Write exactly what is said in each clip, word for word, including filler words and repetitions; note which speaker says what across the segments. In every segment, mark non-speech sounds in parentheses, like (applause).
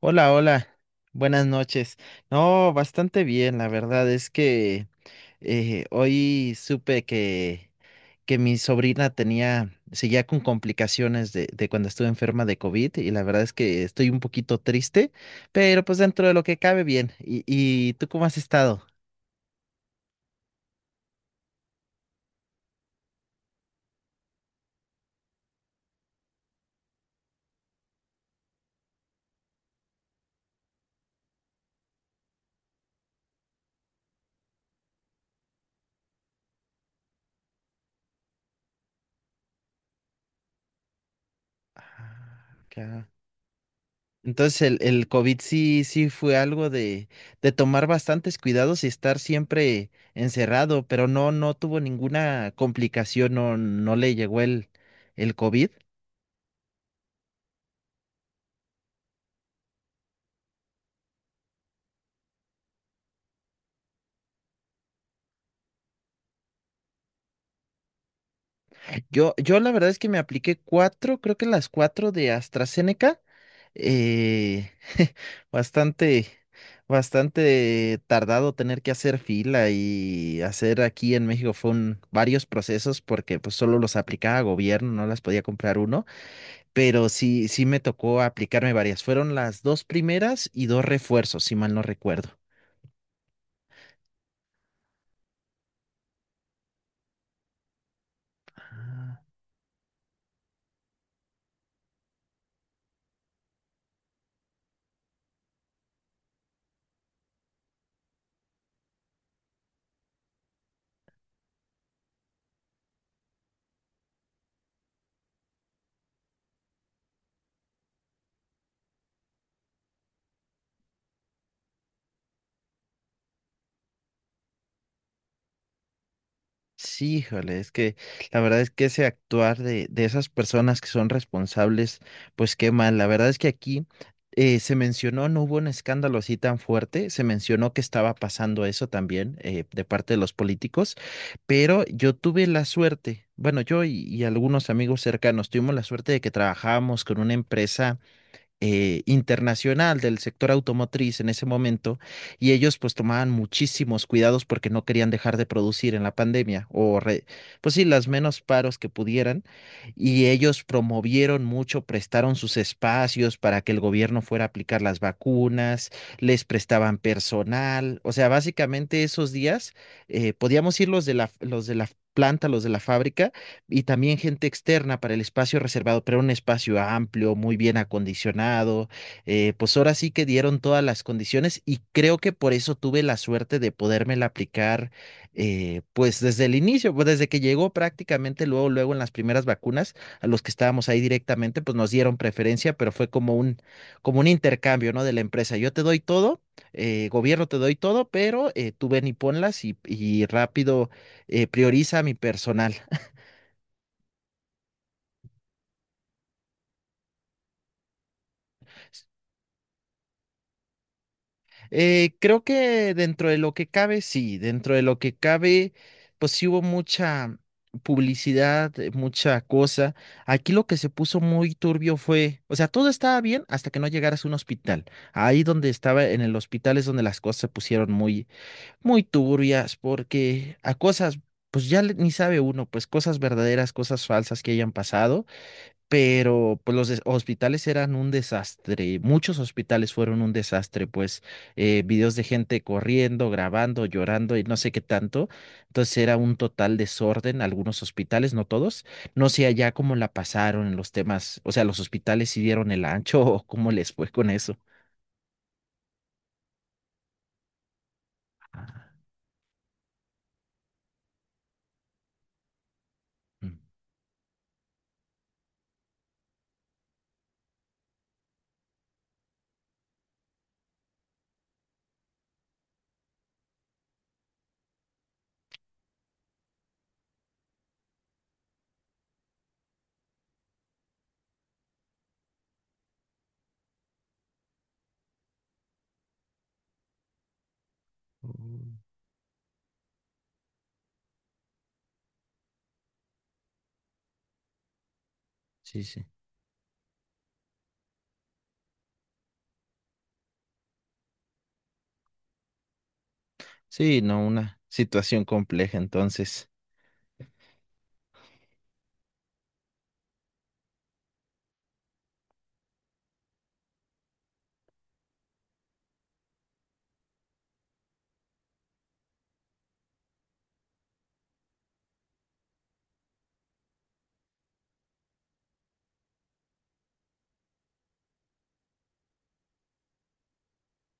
Speaker 1: Hola, hola, buenas noches. No, bastante bien, la verdad es que eh, hoy supe que, que mi sobrina tenía, seguía con complicaciones de, de cuando estuvo enferma de COVID, y la verdad es que estoy un poquito triste, pero pues dentro de lo que cabe bien. ¿Y, y tú cómo has estado? Ah, ok. Entonces el, el COVID sí, sí fue algo de, de tomar bastantes cuidados y estar siempre encerrado, pero no, no tuvo ninguna complicación, no, no le llegó el, el COVID. Yo, yo la verdad es que me apliqué cuatro, creo que las cuatro de AstraZeneca, eh, (laughs) bastante, bastante tardado tener que hacer fila y hacer aquí en México fue un, varios procesos, porque pues solo los aplicaba gobierno, no las podía comprar uno. Pero sí, sí me tocó aplicarme varias. Fueron las dos primeras y dos refuerzos, si mal no recuerdo. Ah, sí, híjole, es que la verdad es que ese actuar de, de esas personas que son responsables, pues qué mal. La verdad es que aquí eh, se mencionó, no hubo un escándalo así tan fuerte, se mencionó que estaba pasando eso también eh, de parte de los políticos, pero yo tuve la suerte, bueno, yo y, y algunos amigos cercanos tuvimos la suerte de que trabajábamos con una empresa eh, internacional del sector automotriz en ese momento, y ellos pues tomaban muchísimos cuidados porque no querían dejar de producir en la pandemia, o re- pues sí, las menos paros que pudieran. Y ellos promovieron mucho, prestaron sus espacios para que el gobierno fuera a aplicar las vacunas, les prestaban personal, o sea, básicamente esos días eh, podíamos ir los de la, los de la planta, los de la fábrica y también gente externa para el espacio reservado, pero un espacio amplio, muy bien acondicionado. Eh, pues ahora sí que dieron todas las condiciones y creo que por eso tuve la suerte de podérmela aplicar eh, pues desde el inicio, pues desde que llegó prácticamente luego, luego, en las primeras vacunas, a los que estábamos ahí directamente, pues nos dieron preferencia, pero fue como un, como un intercambio, ¿no? De la empresa. Yo te doy todo, eh, gobierno, te doy todo, pero eh, tú ven y ponlas y, y rápido, eh, prioriza a mi personal. Eh, creo que dentro de lo que cabe, sí, dentro de lo que cabe, pues sí hubo mucha publicidad, eh, mucha cosa. Aquí lo que se puso muy turbio fue, o sea, todo estaba bien hasta que no llegaras a un hospital. Ahí donde estaba en el hospital es donde las cosas se pusieron muy, muy turbias, porque a cosas pues ya le- ni sabe uno, pues cosas verdaderas, cosas falsas que hayan pasado, pero pues los des- hospitales eran un desastre, muchos hospitales fueron un desastre. Pues eh, videos de gente corriendo, grabando, llorando y no sé qué tanto, entonces era un total desorden, algunos hospitales, no todos. No sé allá cómo la pasaron en los temas, o sea, los hospitales, si dieron el ancho (laughs) o cómo les fue con eso. Ah, mm, mm, sí, sí. Sí, no, una situación compleja entonces.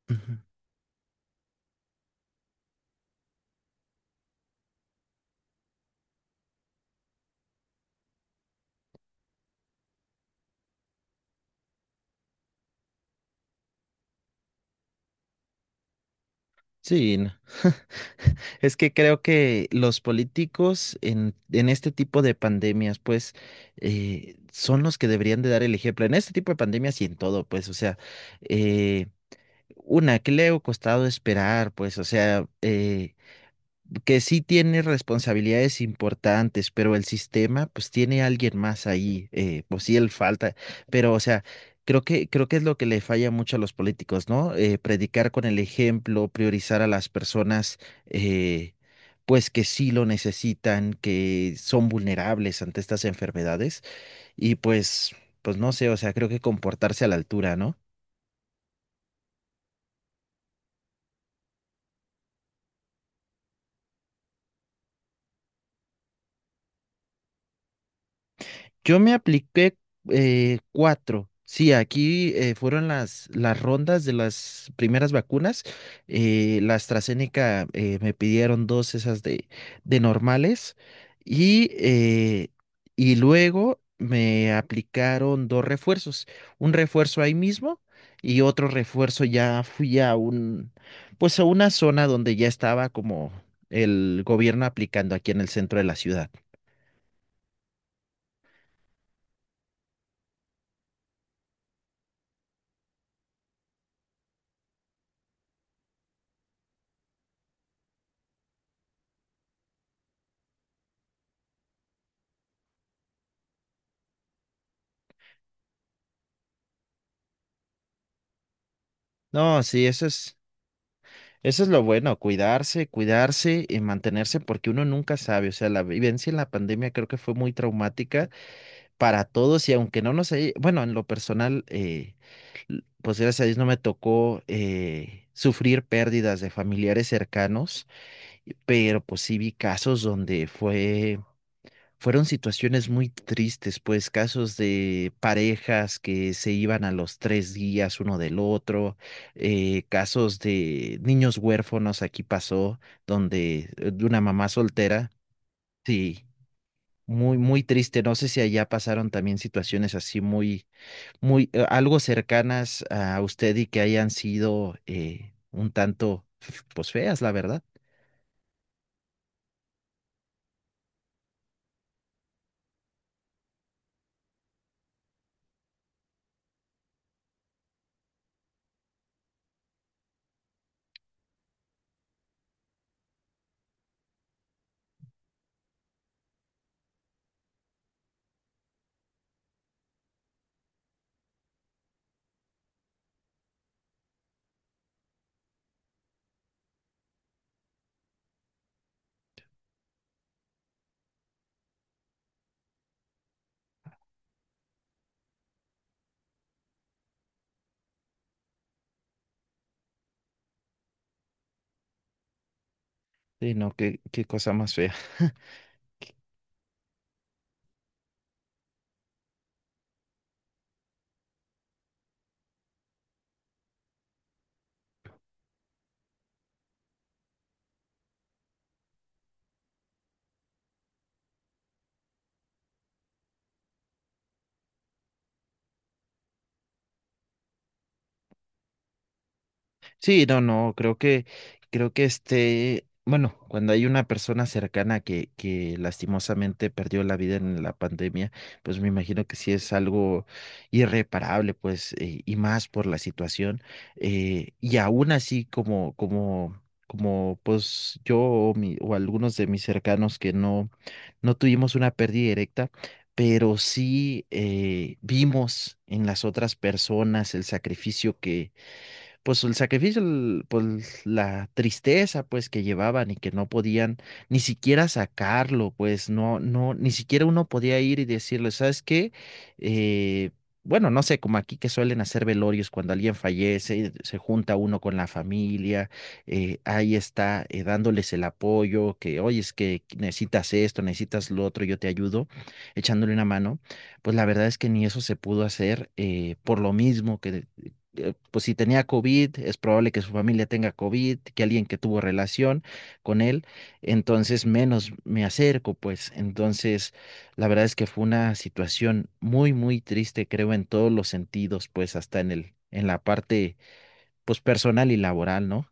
Speaker 1: Ujú. Sí, no. (laughs) Es que creo que los políticos en, en este tipo de pandemias, pues, eh, son los que deberían de dar el ejemplo. En este tipo de pandemias y en todo, pues, o sea, eh, ¿una que le ha costado esperar? Pues, o sea, eh, que sí tiene responsabilidades importantes, pero el sistema pues tiene alguien más ahí, eh, pues sí él falta, pero, o sea, creo que, creo que es lo que le falla mucho a los políticos, ¿no? Eh, predicar con el ejemplo, priorizar a las personas, eh, pues que sí lo necesitan, que son vulnerables ante estas enfermedades, y pues, pues no sé, o sea, creo que comportarse a la altura, ¿no? Yo me apliqué eh, cuatro. Sí, aquí eh, fueron las, las rondas de las primeras vacunas. Eh, la AstraZeneca, eh, me pidieron dos, esas de, de normales, y, eh, y luego me aplicaron dos refuerzos. Un refuerzo ahí mismo y otro refuerzo ya fui a un, pues a una zona donde ya estaba como el gobierno aplicando aquí en el centro de la ciudad. No, sí, eso es. Eso es lo bueno, cuidarse, cuidarse y mantenerse, porque uno nunca sabe, o sea, la vivencia en la pandemia creo que fue muy traumática para todos, y aunque no nos haya, bueno, en lo personal, eh, pues gracias a Dios no me tocó eh, sufrir pérdidas de familiares cercanos, pero pues sí vi casos donde fue fueron situaciones muy tristes, pues casos de parejas que se iban a los tres días uno del otro, eh, casos de niños huérfanos, aquí pasó, donde eh, de una mamá soltera, sí, muy, muy triste. No sé si allá pasaron también situaciones así muy, muy, eh, algo cercanas a usted, y que hayan sido eh, un tanto, pues, feas, la verdad. Sí, no, qué, qué cosa más fea. Sí, no, no, creo que, creo que este, bueno, cuando hay una persona cercana que, que lastimosamente perdió la vida en la pandemia, pues me imagino que sí es algo irreparable, pues, eh, y más por la situación. eh, y aún así, como, como, como, pues yo o, mi- o algunos de mis cercanos que no, no tuvimos una pérdida directa, pero sí eh, vimos en las otras personas el sacrificio pues el sacrificio, el- pues la tristeza pues que llevaban y que no podían ni siquiera sacarlo, pues no, no, ni siquiera uno podía ir y decirle: ¿sabes qué? Eh, bueno, no sé, como aquí que suelen hacer velorios cuando alguien fallece, se junta uno con la familia, eh, ahí está, eh, dándoles el apoyo, que oye, es que necesitas esto, necesitas lo otro, yo te ayudo, echándole una mano. Pues la verdad es que ni eso se pudo hacer, eh, por lo mismo que, eh, pues si tenía COVID, es probable que su familia tenga COVID, que alguien que tuvo relación con él, entonces menos me acerco, pues. Entonces, la verdad es que fue una situación muy, muy triste, creo, en todos los sentidos, pues hasta en el, en la parte, pues, personal y laboral, ¿no?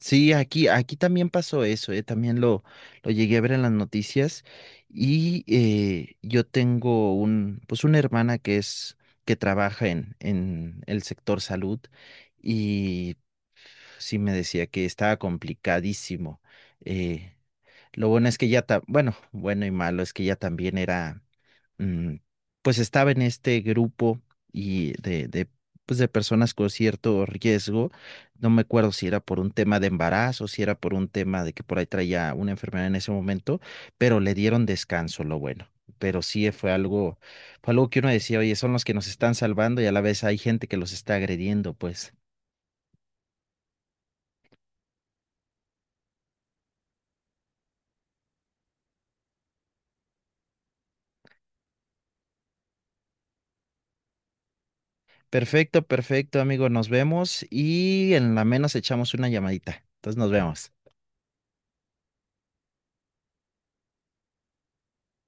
Speaker 1: Sí, aquí, aquí también pasó eso, eh, También lo, lo llegué a ver en las noticias. Y eh, yo tengo un, pues una hermana que es, que trabaja en, en el sector salud, y pf, sí me decía que estaba complicadísimo. eh, lo bueno es que ya, ta- bueno, bueno y malo es que ya también era mm, pues estaba en este grupo y de, de, pues de personas con cierto riesgo. No me acuerdo si era por un tema de embarazo, si era por un tema de que por ahí traía una enfermedad en ese momento, pero le dieron descanso, lo bueno. Pero sí fue algo, fue algo que uno decía: oye, son los que nos están salvando y a la vez hay gente que los está agrediendo, pues. Perfecto, perfecto, amigo, nos vemos y en la menos echamos una llamadita. Entonces nos vemos.